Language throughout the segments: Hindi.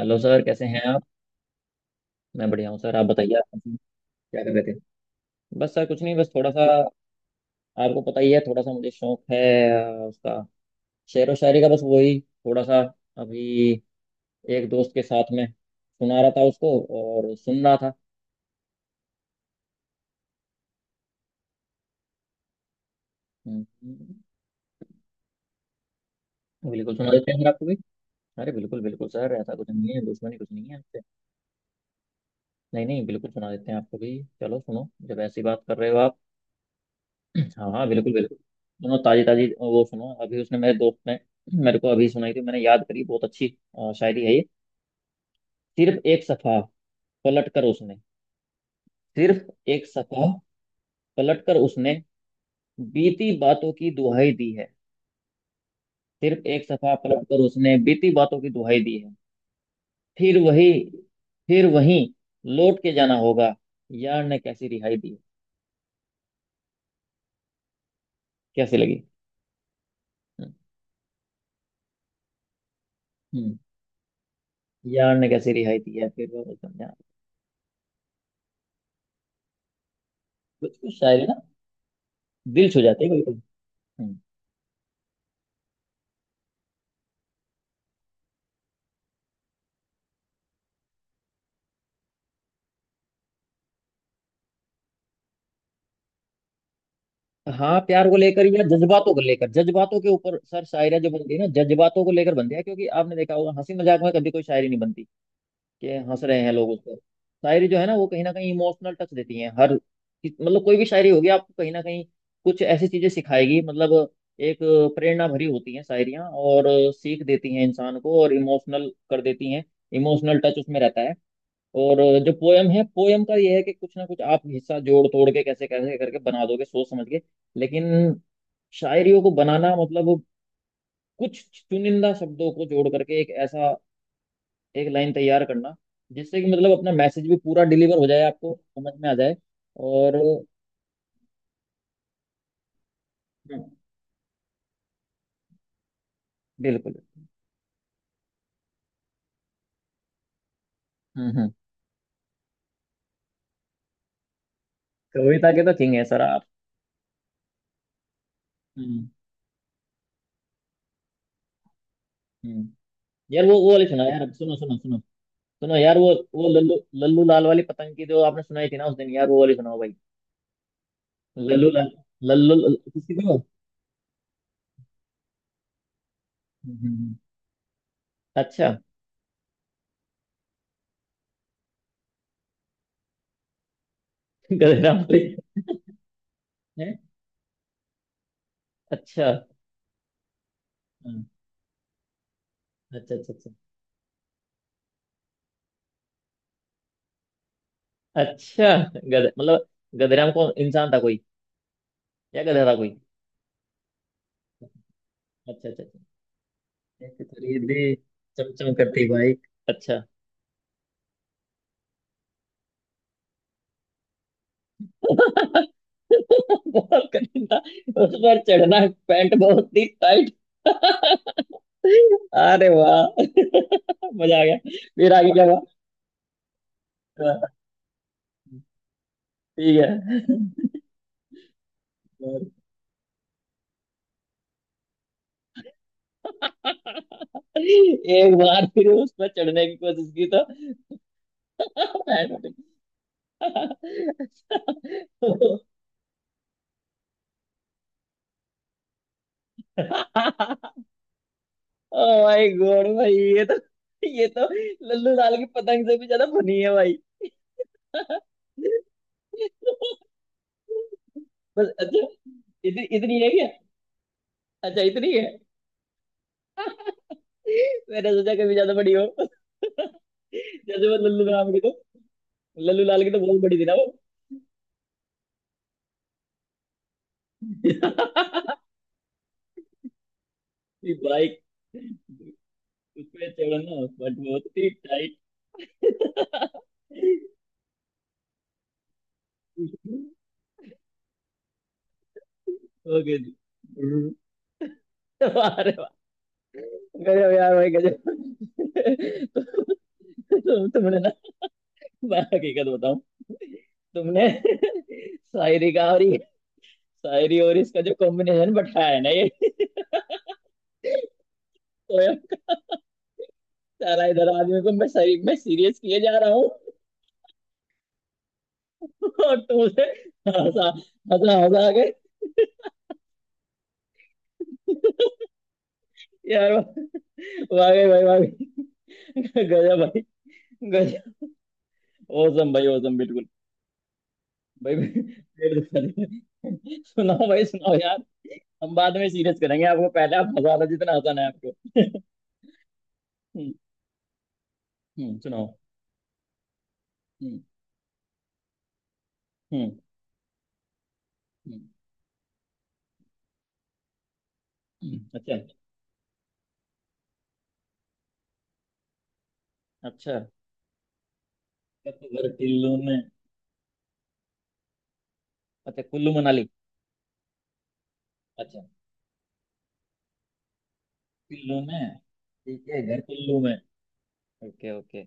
हेलो सर, कैसे हैं आप? मैं बढ़िया हूँ सर, आप बताइए, आप कैसे हैं? क्या कर रहे थे? बस सर कुछ नहीं, बस थोड़ा सा। आपको पता ही है, थोड़ा सा मुझे शौक है उसका। शेर व शायरी का, बस वही थोड़ा सा। अभी एक दोस्त के साथ में सुना रहा था उसको और सुन रहा था। हम्म। बिल्कुल सुना देते हैं सर आपको भी। अरे बिल्कुल बिल्कुल सर, ऐसा कुछ नहीं है, दुश्मनी कुछ नहीं है आपसे। नहीं नहीं, बिल्कुल सुना देते हैं आपको भी, चलो सुनो जब ऐसी बात कर रहे हो आप। हाँ हाँ, बिल्कुल बिल्कुल सुनो, ताजी ताजी वो सुनो, अभी उसने मेरे दोस्त ने मेरे को अभी सुनाई थी, मैंने याद करी, बहुत अच्छी शायरी है ये। सिर्फ एक सफा पलट कर उसने, सिर्फ एक सफा पलट कर उसने बीती बातों की दुहाई दी है। सिर्फ एक सफा पलट कर उसने बीती बातों की दुहाई दी है। फिर वही, फिर वही लौट के जाना होगा, यार ने कैसी रिहाई दी है। कैसी लगी? हम्म। हम्म, यार ने कैसी रिहाई दी है फिर वो समझा। कुछ कुछ शायरी ना दिल छू जाती है बिल्कुल। हाँ, प्यार को लेकर या जज्बातों को लेकर, जज्बातों के ऊपर सर शायरी जो बनती है ना जज्बातों को लेकर बनती है, क्योंकि आपने देखा होगा हंसी मजाक में कभी कोई शायरी नहीं बनती कि हंस रहे हैं लोग उस पर। शायरी जो है ना वो कहीं ना कहीं इमोशनल टच देती है, हर मतलब कोई भी शायरी होगी आपको कहीं ना कहीं कुछ ऐसी चीजें सिखाएगी, मतलब एक प्रेरणा भरी होती हैं शायरियाँ, और सीख देती हैं इंसान को और इमोशनल कर देती हैं, इमोशनल टच उसमें रहता है। और जो पोयम है, पोयम का ये है कि कुछ ना कुछ आप हिस्सा जोड़ तोड़ के कैसे कैसे करके बना दोगे सोच समझ के, लेकिन शायरियों को बनाना मतलब कुछ चुनिंदा शब्दों को जोड़ करके एक लाइन तैयार करना, जिससे कि मतलब अपना मैसेज भी पूरा डिलीवर हो जाए, आपको समझ में आ जाए। और हम्म, बिल्कुल। हम्म। हम्म। कविता के तो किंग है सर आप। हम्म। हम्म। यार, वो वाली सुना यार, सुनो सुनो सुनो सुनो यार, वो लल्लू लल्लू लाल वाली पतंग की जो आपने सुनाई थी ना उस दिन, यार वो वाली सुनाओ भाई। लल्लू लल्लू लल्लू किसी को। हम्म, हम्म, अच्छा। गधेरा मालिक है। अच्छा। हाँ, अच्छा अच्छा अच्छा। अच्छा, गधे मतलब गधेराम कौन इंसान था कोई? या गधेरा था कोई? अच्छा अच्छा अच्छा। एक तेरी दे चमचम करती बाइक। अच्छा। बहुत कठिन था उस पर चढ़ना, पैंट बहुत ही टाइट। अरे वाह, मजा आ गया, फिर आगे क्या हुआ? हाँ, ठीक है। एक बार फिर उस पर चढ़ने की कोशिश की तो पैर उठ गया। ओ माय गॉड भाई, ये तो ये तो लल्लू लाल की पतंग से भी ज्यादा फनी है भाई। बस अच्छा, इतनी इतनी है क्या? अच्छा, इतनी है। मैंने सोचा कभी ज्यादा बड़ी हो, जैसे वो लल्लू लाल की तो बहुत बड़ी थी ना वो। भाई, उस पे चढ़ना बट बहुत ही टाइट। ओके जी, अरे वाह गजब, यार भाई गजब। तुमने ना, मैं हकीकत बताऊं, तुमने शायरी का और शायरी और इसका जो कॉम्बिनेशन बैठाया है ना ये पोयम का, सारा इधर आदमी को मैं सीरियस किए जा रहा हूँ, और तुम उसे हंसा हंसा हंसा के, यार वाह वाह गई भाई, वाह गई। गजब भाई गजब, औसम भाई औसम, बिल्कुल भाई पेट दुखा दिया। सुनाओ भाई सुनाओ यार। हम बाद में सीरियस करेंगे आपको, पहले आप हंसा लो जितना आसान है आपको। हम्म। सुनाओ। हम्म। हम्म। हम्म, अच्छा, अच्छा तो घर कुल्लू में। अच्छा, कुल्लू मनाली। अच्छा, कुल्लू में। ठीक है, घर कुल्लू में। Okay okay.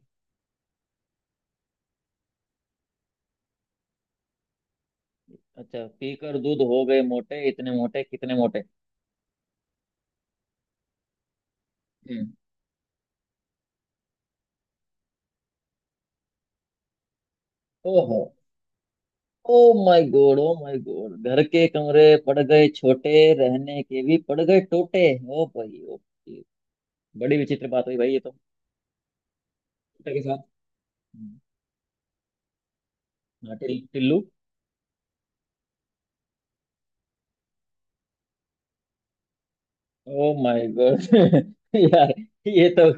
अच्छा, पीकर दूध हो गए मोटे, इतने मोटे, कितने मोटे। हम्म। ओहो। Oh my god, oh my god, घर के कमरे पड़ गए छोटे, रहने के भी पड़ गए टोटे। ओ भाई, ओ भाई, बड़ी विचित्र बात हुई भाई ये तो। टोटे के साथ। हम्म, हाँ टिल्लू। Oh my God. यार, ये तो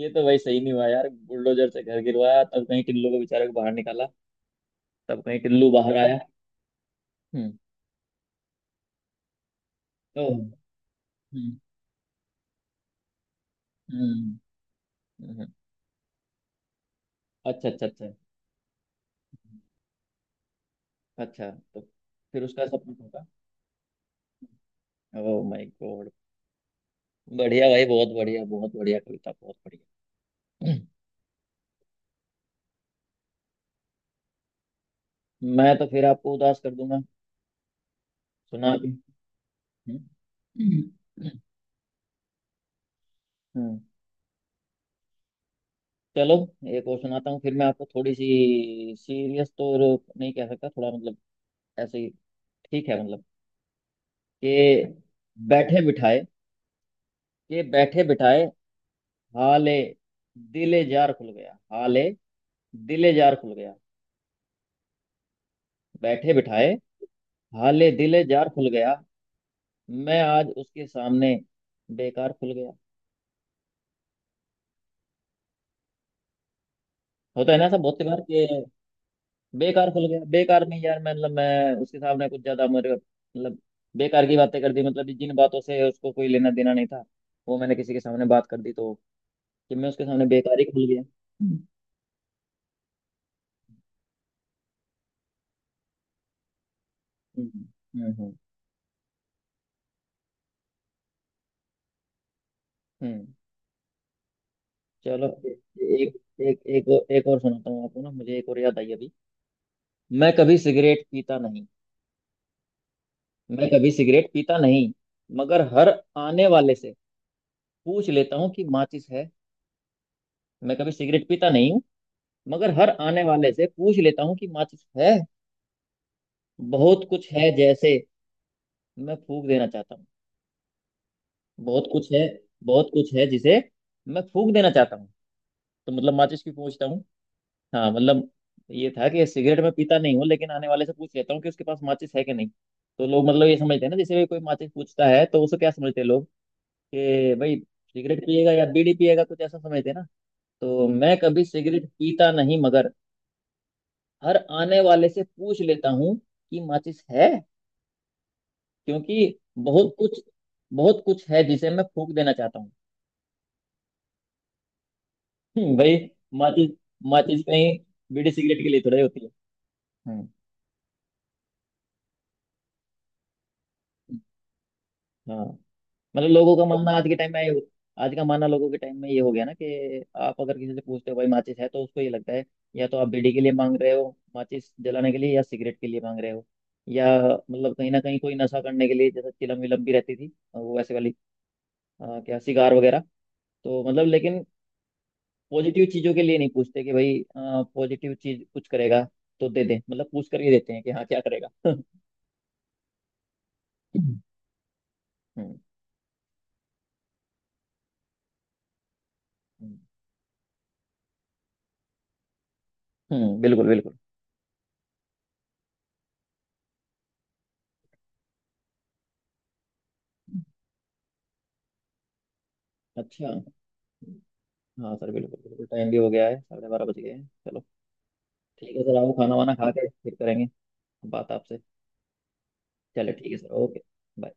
ये तो भाई सही नहीं हुआ यार, बुलडोजर से घर गिरवाया तब कहीं टिल्लू को बेचारे को बाहर निकाला, तब कहीं टिल्लू बाहर आया। हम्म। ओ। हम्म। हम्म। हम्म, हम्म। अच्छा अच्छा अच्छा। अच्छा तो फिर उसका सपना टूटा। ओ माय गॉड, बढ़िया भाई, बहुत बढ़िया, बहुत बढ़िया कविता, बहुत बढ़िया। मैं तो फिर आपको उदास कर दूंगा सुना के। हम्म। हम्म। चलो, एक और सुनाता हूँ, फिर मैं आपको थोड़ी सी सीरियस तो नहीं कह सकता, थोड़ा मतलब ऐसे ही, ठीक है मतलब, कि बैठे बिठाए, कि बैठे बिठाए हाले दिले जार खुल गया। हाले दिले जार खुल गया, बैठे बिठाए हाले दिले जार खुल गया, मैं आज उसके सामने बेकार खुल गया। होता है ना ऐसा बहुत सी बार कि बेकार खुल गया, बेकार नहीं यार, मतलब मैं उसके सामने कुछ ज्यादा मेरे मतलब बेकार की बातें कर दी, मतलब जिन बातों से उसको कोई लेना देना नहीं था, वो मैंने किसी के सामने बात कर दी तो, कि मैं उसके सामने बेकार ही खुल गया। हम्म। हम्म। हम्म। हम्म। चलो, एक एक एक और सुनाता हूँ आपको, ना मुझे एक और याद आई अभी। मैं कभी सिगरेट पीता नहीं, मैं कभी सिगरेट पीता नहीं मगर हर आने वाले से पूछ लेता हूँ कि माचिस है। मैं कभी सिगरेट पीता नहीं हूँ मगर हर आने वाले से पूछ लेता हूँ कि माचिस है। बहुत कुछ है जैसे मैं फूक देना चाहता हूँ, बहुत कुछ है बहुत कुछ है जिसे मैं फूक देना चाहता हूँ। तो मतलब माचिस की पूछता हूँ। हाँ मतलब, ये था कि सिगरेट में पीता नहीं हूँ लेकिन आने वाले से पूछ लेता हूँ कि उसके पास माचिस है कि नहीं। तो लोग मतलब ये समझते हैं ना, जैसे कोई माचिस पूछता है तो उसे क्या समझते हैं लोग, कि भाई सिगरेट पिएगा या बीड़ी पिएगा, कुछ ऐसा समझते हैं ना। तो मैं कभी सिगरेट पीता नहीं मगर हर आने वाले से पूछ लेता हूँ कि माचिस है, क्योंकि बहुत कुछ बहुत कुछ है जिसे मैं फूक देना चाहता हूँ। भाई माचिस, माचिस कहीं बीड़ी सिगरेट के लिए थोड़ा ही होती है। हम्म, हाँ मतलब लोगों का मानना आज के टाइम में आज का मानना लोगों के टाइम में ये हो गया ना, कि आप अगर किसी से पूछते हो भाई माचिस है, तो उसको ये लगता है या तो आप बीड़ी के लिए मांग रहे हो, माचिस जलाने के लिए, या सिगरेट के लिए मांग रहे हो, या मतलब कहीं ना कहीं कोई नशा करने के लिए, जैसे चिलम विलम भी रहती थी वो वैसे वाली, क्या सिगार वगैरह। तो मतलब लेकिन पॉजिटिव चीजों के लिए नहीं पूछते कि भाई पॉजिटिव चीज कुछ करेगा तो दे दे, मतलब पूछ करके देते हैं कि हाँ क्या करेगा। हम्म। हम्म। बिल्कुल बिल्कुल। अच्छा। हाँ सर बिल्कुल बिल्कुल, टाइम भी हो गया है, 12:30 बज गए हैं, चलो ठीक है सर, आओ खाना वाना खा के फिर करेंगे बात आपसे। चलो ठीक है सर, ओके, बाय।